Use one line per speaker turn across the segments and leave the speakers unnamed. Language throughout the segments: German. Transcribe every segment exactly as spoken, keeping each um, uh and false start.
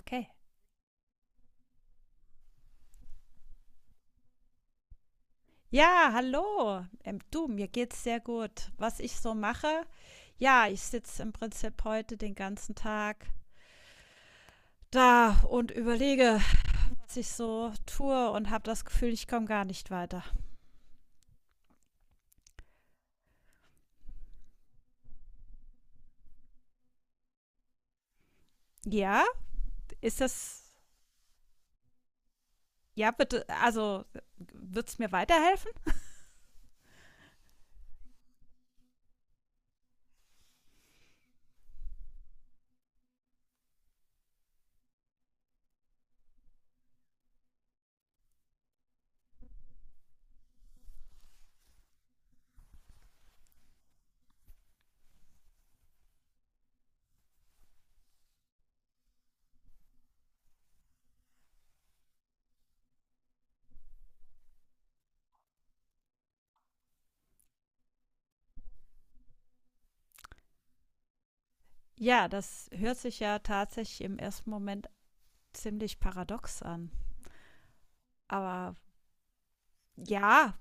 Okay. Ja, hallo. Ähm, du, mir geht's sehr gut. Was ich so mache, ja, ich sitze im Prinzip heute den ganzen Tag da und überlege, was ich so tue und habe das Gefühl, ich komme gar nicht weiter. Ja, ist das, ja, bitte, also wird's mir weiterhelfen? Ja, das hört sich ja tatsächlich im ersten Moment ziemlich paradox an. Aber ja,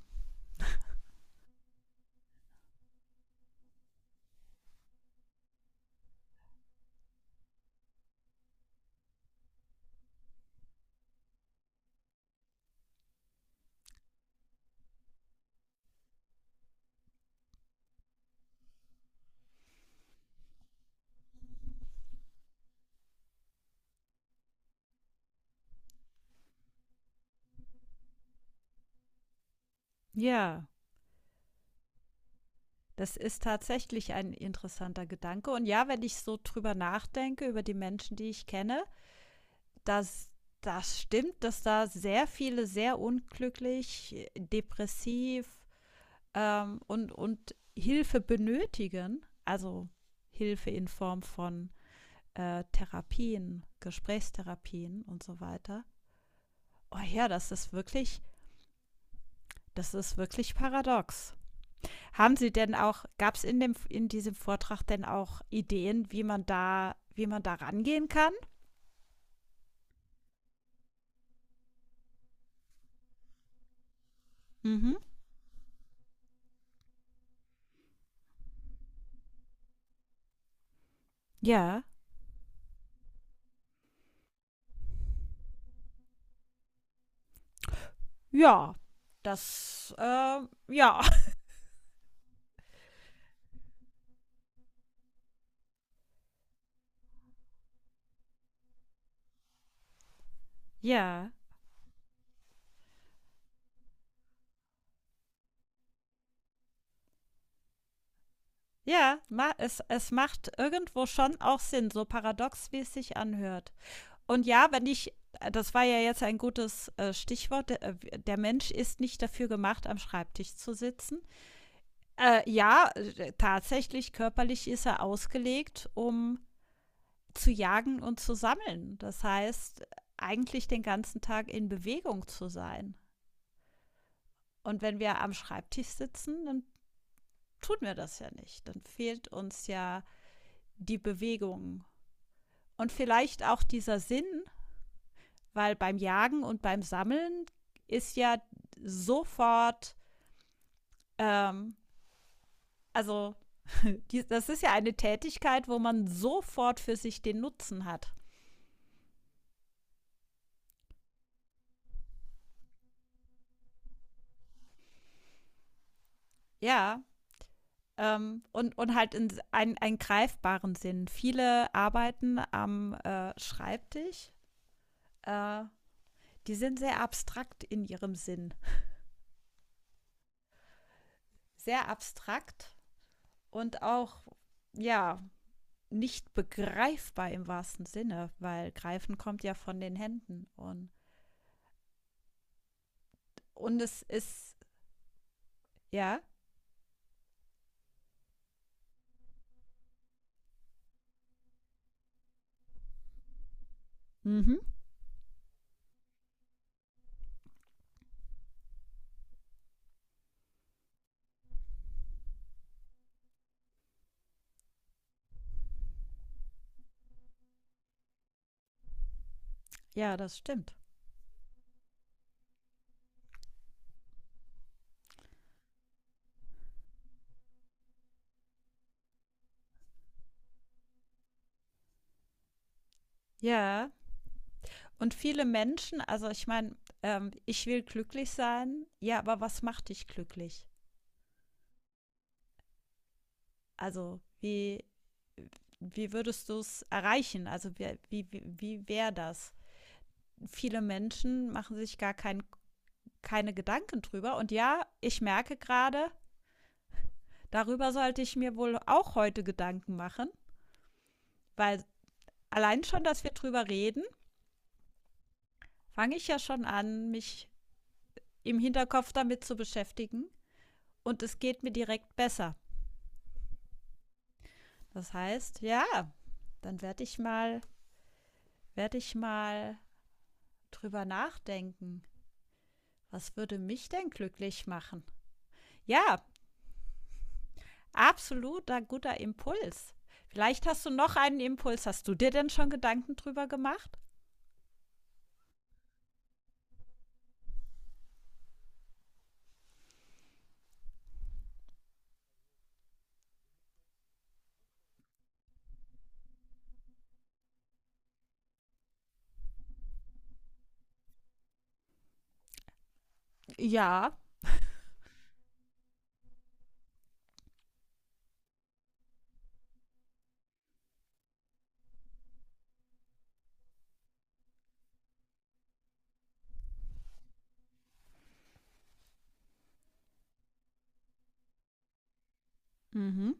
ja. Das ist tatsächlich ein interessanter Gedanke. Und ja, wenn ich so drüber nachdenke, über die Menschen, die ich kenne, dass das stimmt, dass da sehr viele sehr unglücklich, depressiv ähm, und, und Hilfe benötigen. Also Hilfe in Form von äh, Therapien, Gesprächstherapien und so weiter. Oh ja, das ist wirklich, das ist wirklich paradox. Haben Sie denn auch, gab es in, dem, in diesem Vortrag denn auch Ideen, wie man da, wie man da rangehen kann? Mhm. Ja. Ja. Das, äh, ja. Ja. Ja, ma es, es macht irgendwo schon auch Sinn, so paradox, wie es sich anhört. Und ja, wenn ich, äh, das war ja jetzt ein gutes äh, Stichwort, der, äh, der, Mensch ist nicht dafür gemacht, am Schreibtisch zu sitzen. Äh, ja, äh, tatsächlich, körperlich ist er ausgelegt, um zu jagen und zu sammeln. Das heißt, eigentlich den ganzen Tag in Bewegung zu sein. Und wenn wir am Schreibtisch sitzen, dann tun wir das ja nicht. Dann fehlt uns ja die Bewegung. Und vielleicht auch dieser Sinn, weil beim Jagen und beim Sammeln ist ja sofort, ähm, also die, das ist ja eine Tätigkeit, wo man sofort für sich den Nutzen hat. Ja, Ähm, und, und halt in einen, einen greifbaren Sinn. Viele arbeiten am äh, Schreibtisch, äh, die sind sehr abstrakt in ihrem Sinn. Sehr abstrakt und auch, ja, nicht begreifbar im wahrsten Sinne, weil greifen kommt ja von den Händen. Und, und es ist, ja, mhm. Ja, das stimmt. Ja, und viele Menschen, also ich meine, ähm, ich will glücklich sein, ja, aber was macht dich glücklich? Also wie, wie würdest du es erreichen? Also wie, wie, wie wäre das? Viele Menschen machen sich gar kein, keine Gedanken drüber. Und ja, ich merke gerade, darüber sollte ich mir wohl auch heute Gedanken machen, weil allein schon, dass wir drüber reden, fange ich ja schon an, mich im Hinterkopf damit zu beschäftigen. Und es geht mir direkt besser. Das heißt, ja, dann werde ich mal, werde ich mal drüber nachdenken. Was würde mich denn glücklich machen? Ja, absoluter guter Impuls. Vielleicht hast du noch einen Impuls. Hast du dir denn schon Gedanken drüber gemacht? Ja. Mhm.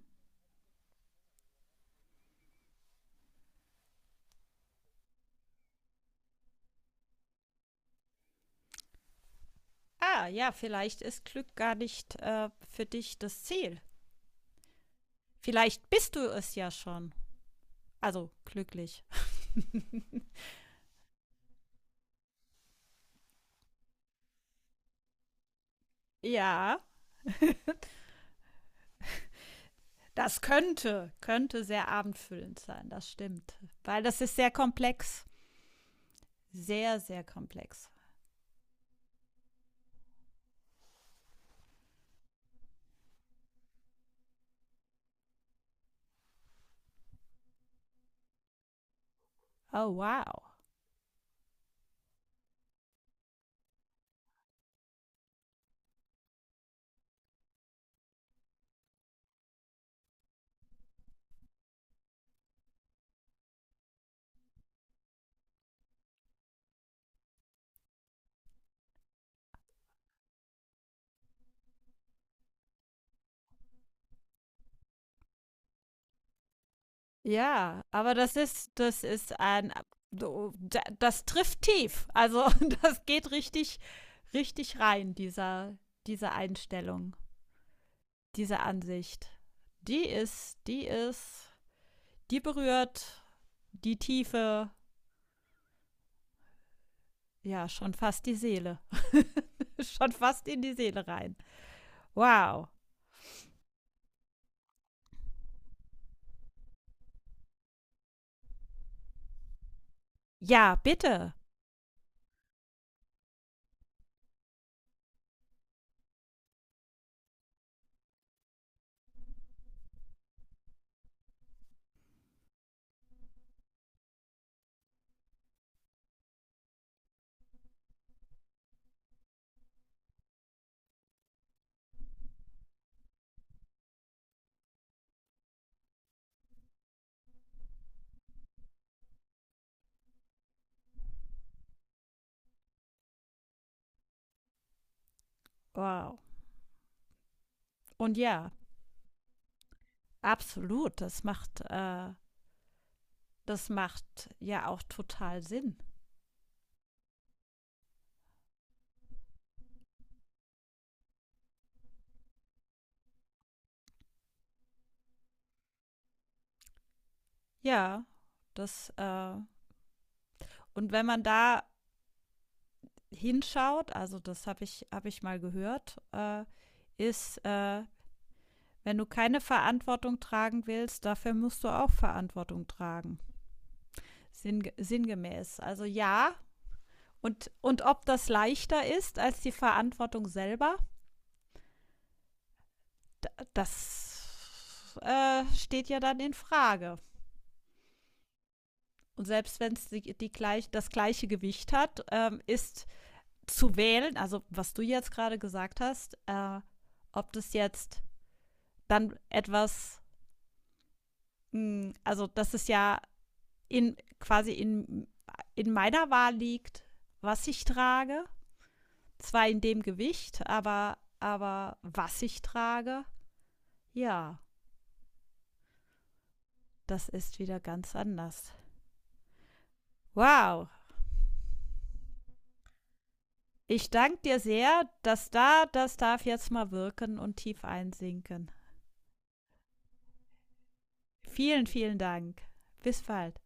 Ah, ja, vielleicht ist Glück gar nicht äh, für dich das Ziel. Vielleicht bist du es ja schon. Also glücklich. Ja. Das könnte, könnte sehr abendfüllend sein, das stimmt. Weil das ist sehr komplex. Sehr, sehr komplex. Oh, wow. Ja, aber das ist das ist ein so, da- das trifft tief. Also das geht richtig richtig rein dieser diese Einstellung, diese Ansicht. Die ist die ist die berührt die Tiefe, ja, schon fast die Seele. Schon fast in die Seele rein. Wow. Ja, bitte. Wow. Und ja, absolut, das macht äh, das macht ja auch total Sinn. Ja, das äh, und wenn man da hinschaut, also das habe ich, hab ich mal gehört, äh, ist, äh, wenn du keine Verantwortung tragen willst, dafür musst du auch Verantwortung tragen. Sinn, sinngemäß. Also ja, und, und ob das leichter ist als die Verantwortung selber, das äh, steht ja dann in Frage. Und selbst wenn es die, die gleich, das gleiche Gewicht hat, ähm, ist zu wählen, also was du jetzt gerade gesagt hast, äh, ob das jetzt dann etwas, hm, also dass es ja in quasi in, in meiner Wahl liegt, was ich trage. Zwar in dem Gewicht, aber, aber was ich trage, ja, das ist wieder ganz anders. Wow, ich danke dir sehr, dass da, das darf jetzt mal wirken und tief einsinken. Vielen, vielen Dank. Bis bald.